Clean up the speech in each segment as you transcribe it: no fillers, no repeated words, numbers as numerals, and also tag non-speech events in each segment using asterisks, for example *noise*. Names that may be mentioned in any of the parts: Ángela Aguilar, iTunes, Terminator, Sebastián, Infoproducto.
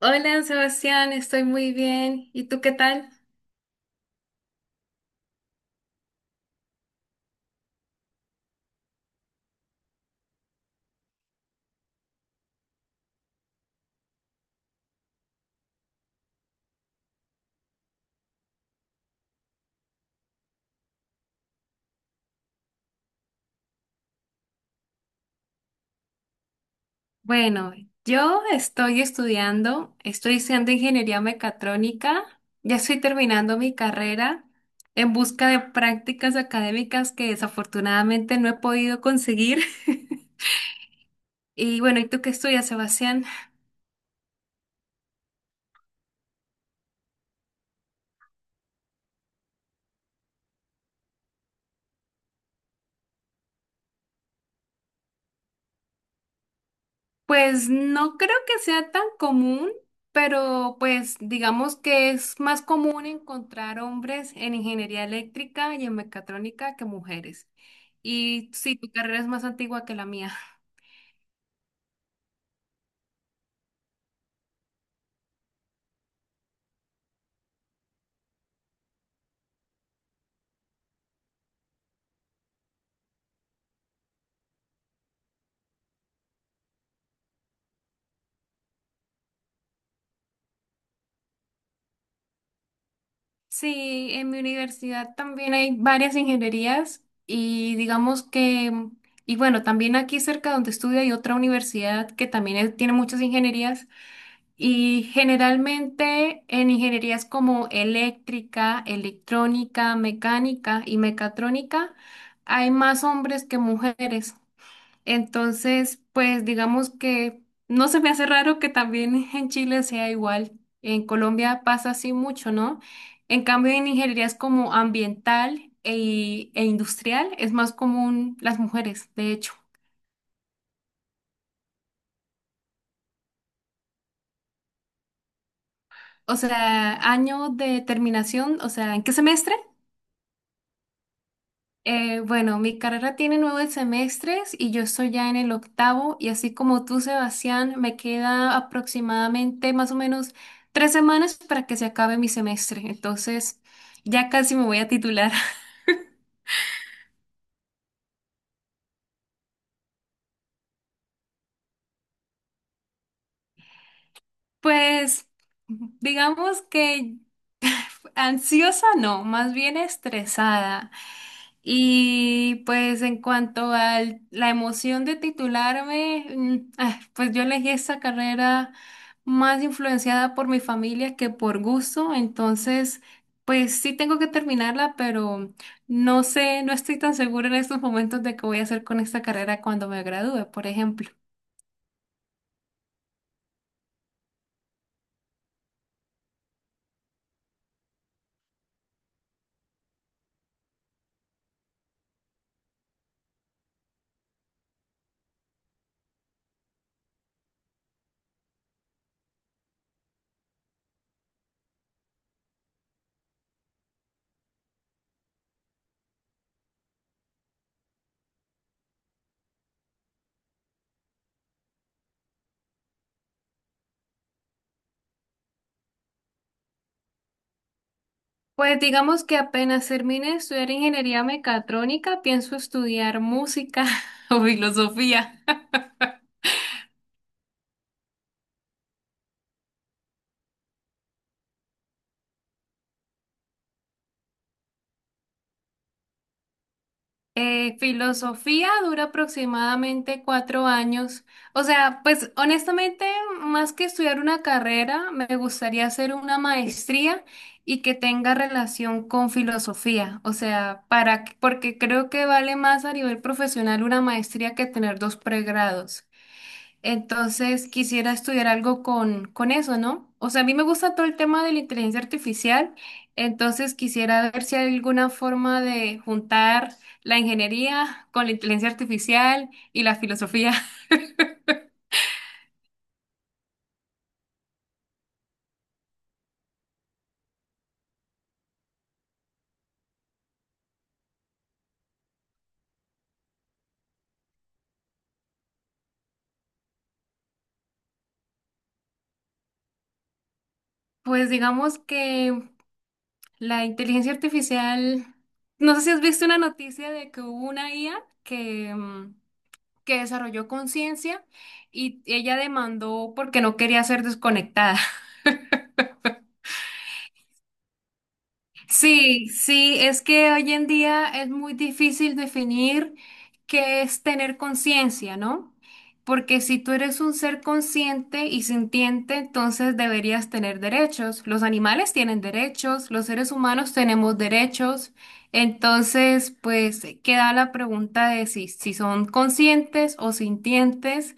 Hola Sebastián, estoy muy bien. ¿Y tú qué tal? Bueno, yo estoy estudiando ingeniería mecatrónica, ya estoy terminando mi carrera en busca de prácticas académicas que desafortunadamente no he podido conseguir. *laughs* Y bueno, ¿y tú qué estudias, Sebastián? Pues no creo que sea tan común, pero pues digamos que es más común encontrar hombres en ingeniería eléctrica y en mecatrónica que mujeres. Y sí, tu carrera es más antigua que la mía. *laughs* Sí, en mi universidad también hay varias ingenierías y digamos que, y bueno, también aquí cerca donde estudio hay otra universidad que también tiene muchas ingenierías. Y generalmente en ingenierías como eléctrica, electrónica, mecánica y mecatrónica hay más hombres que mujeres. Entonces, pues digamos que no se me hace raro que también en Chile sea igual. En Colombia pasa así mucho, ¿no? En cambio, en ingenierías como ambiental e industrial es más común las mujeres, de hecho. O sea, año de terminación, o sea, ¿en qué semestre? Bueno, mi carrera tiene 9 semestres y yo estoy ya en el octavo y así como tú, Sebastián, me queda aproximadamente más o menos 3 semanas para que se acabe mi semestre. Entonces, ya casi me voy a titular. *laughs* Pues, digamos que ansiosa no, más bien estresada. Y pues en cuanto a la emoción de titularme, pues yo elegí esta carrera más influenciada por mi familia que por gusto, entonces pues sí tengo que terminarla, pero no sé, no estoy tan segura en estos momentos de qué voy a hacer con esta carrera cuando me gradúe, por ejemplo. Pues digamos que apenas termine de estudiar ingeniería mecatrónica, pienso estudiar música *laughs* o filosofía. Filosofía dura aproximadamente 4 años. O sea, pues honestamente, más que estudiar una carrera, me gustaría hacer una maestría y que tenga relación con filosofía. O sea, porque creo que vale más a nivel profesional una maestría que tener dos pregrados. Entonces quisiera estudiar algo con eso, ¿no? O sea, a mí me gusta todo el tema de la inteligencia artificial, entonces quisiera ver si hay alguna forma de juntar la ingeniería con la inteligencia artificial y la filosofía. *laughs* Pues digamos que la inteligencia artificial, no sé si has visto una noticia de que hubo una IA que, mm, que desarrolló conciencia y ella demandó porque no quería ser desconectada. *laughs* Sí, sí, es que hoy en día es muy difícil definir qué es tener conciencia, ¿no? Porque si tú eres un ser consciente y sintiente, entonces deberías tener derechos. Los animales tienen derechos, los seres humanos tenemos derechos. Entonces, pues queda la pregunta de si son conscientes o sintientes,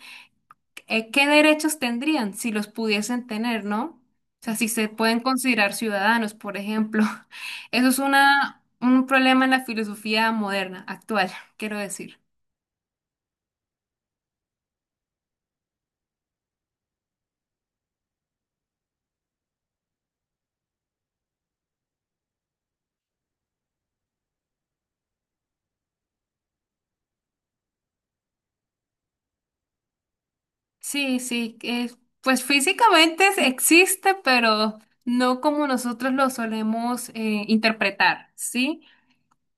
¿qué derechos tendrían si los pudiesen tener? ¿No? O sea, si se pueden considerar ciudadanos, por ejemplo. *laughs* Eso es un problema en la filosofía moderna, actual, *laughs* quiero decir. Sí, sí, que, pues físicamente existe, pero no como nosotros lo solemos interpretar, ¿sí?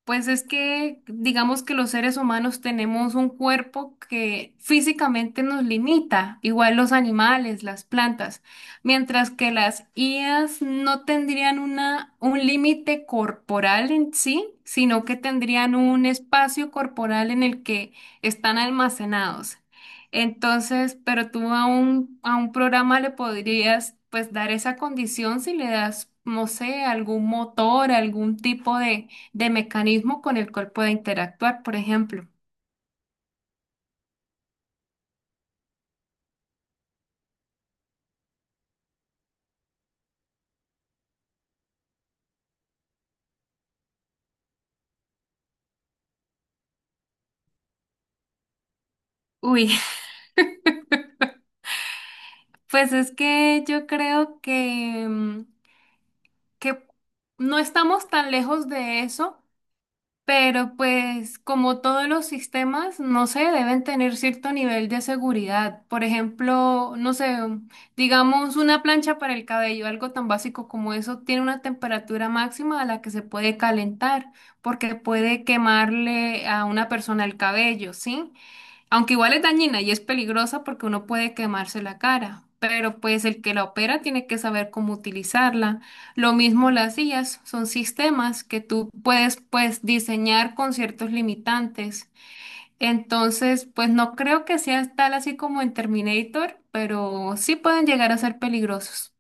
Pues es que digamos que los seres humanos tenemos un cuerpo que físicamente nos limita, igual los animales, las plantas, mientras que las IAs no tendrían un límite corporal en sí, sino que tendrían un espacio corporal en el que están almacenados. Entonces, pero tú a un programa le podrías pues dar esa condición si le das, no sé, algún motor, algún tipo de mecanismo con el cual pueda interactuar, por ejemplo. Uy, *laughs* pues es que yo creo que no estamos tan lejos de eso, pero pues como todos los sistemas, no sé, deben tener cierto nivel de seguridad. Por ejemplo, no sé, digamos una plancha para el cabello, algo tan básico como eso, tiene una temperatura máxima a la que se puede calentar, porque puede quemarle a una persona el cabello, ¿sí? Aunque igual es dañina y es peligrosa porque uno puede quemarse la cara, pero pues el que la opera tiene que saber cómo utilizarla. Lo mismo las IAs, son sistemas que tú puedes pues diseñar con ciertos limitantes. Entonces, pues no creo que sea tal así como en Terminator, pero sí pueden llegar a ser peligrosos.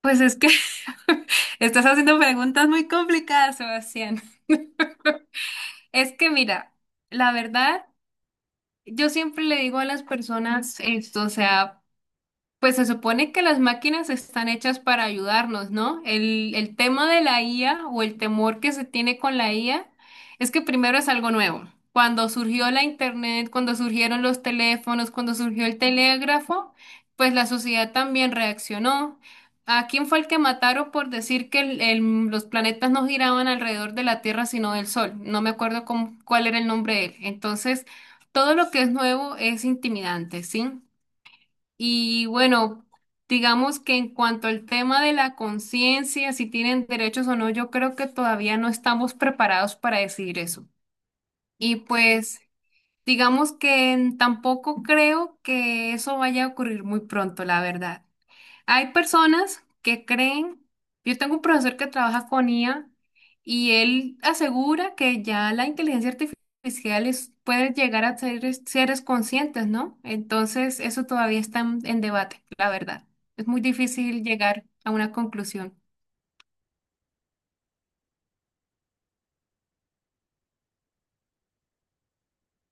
Pues es que *laughs* estás haciendo preguntas muy complicadas, Sebastián. Es que mira, la verdad, yo siempre le digo a las personas esto, o sea, pues se supone que las máquinas están hechas para ayudarnos, ¿no? El tema de la IA o el temor que se tiene con la IA es que primero es algo nuevo. Cuando surgió la internet, cuando surgieron los teléfonos, cuando surgió el telégrafo, pues la sociedad también reaccionó. ¿A quién fue el que mataron por decir que los planetas no giraban alrededor de la Tierra, sino del Sol? No me acuerdo cuál era el nombre de él. Entonces, todo lo que es nuevo es intimidante, ¿sí? Y bueno, digamos que en cuanto al tema de la conciencia, si tienen derechos o no, yo creo que todavía no estamos preparados para decidir eso. Y pues, digamos que tampoco creo que eso vaya a ocurrir muy pronto, la verdad. Hay personas que creen, yo tengo un profesor que trabaja con IA y él asegura que ya la inteligencia artificial puede llegar a ser seres conscientes, ¿no? Entonces, eso todavía está en debate, la verdad. Es muy difícil llegar a una conclusión.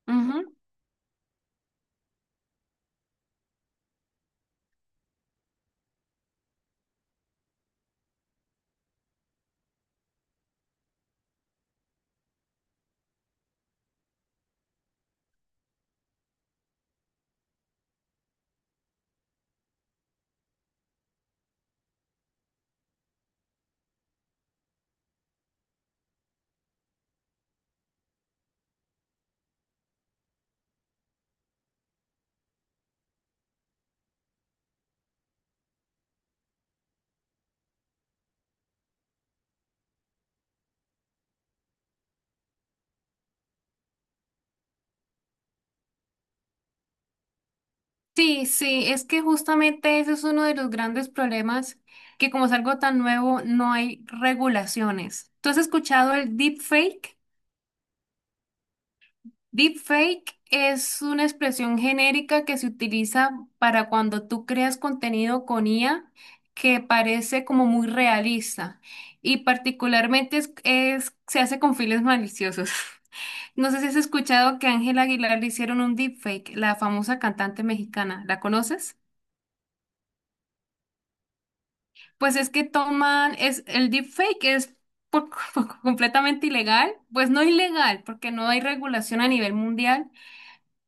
Ujú. Sí, sí, es que justamente ese es uno de los grandes problemas, que como es algo tan nuevo, no hay regulaciones. ¿Tú has escuchado el deepfake? Deepfake es una expresión genérica que se utiliza para cuando tú creas contenido con IA que parece como muy realista y particularmente se hace con fines maliciosos. *laughs* No sé si has escuchado que a Ángela Aguilar le hicieron un deepfake, la famosa cantante mexicana. ¿La conoces? Pues es que el deepfake es por- *laughs* completamente ilegal, pues no ilegal, porque no hay regulación a nivel mundial,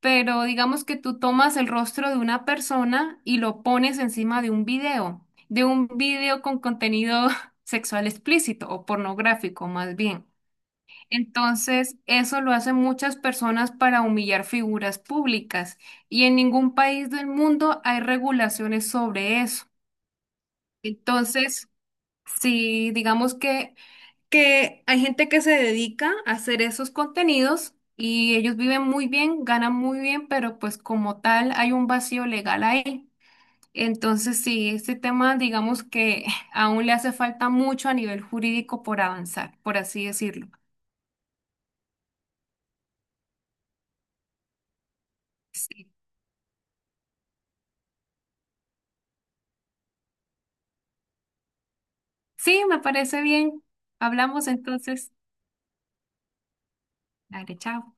pero digamos que tú tomas el rostro de una persona y lo pones encima de un video, con contenido *laughs* sexual explícito o pornográfico más bien. Entonces, eso lo hacen muchas personas para humillar figuras públicas y en ningún país del mundo hay regulaciones sobre eso. Entonces, si digamos que hay gente que se dedica a hacer esos contenidos y ellos viven muy bien, ganan muy bien, pero pues como tal hay un vacío legal ahí. Entonces, sí, este tema digamos que *laughs* aún le hace falta mucho a nivel jurídico por avanzar, por así decirlo. Sí, sí, me parece bien. Hablamos entonces. Dale, chao.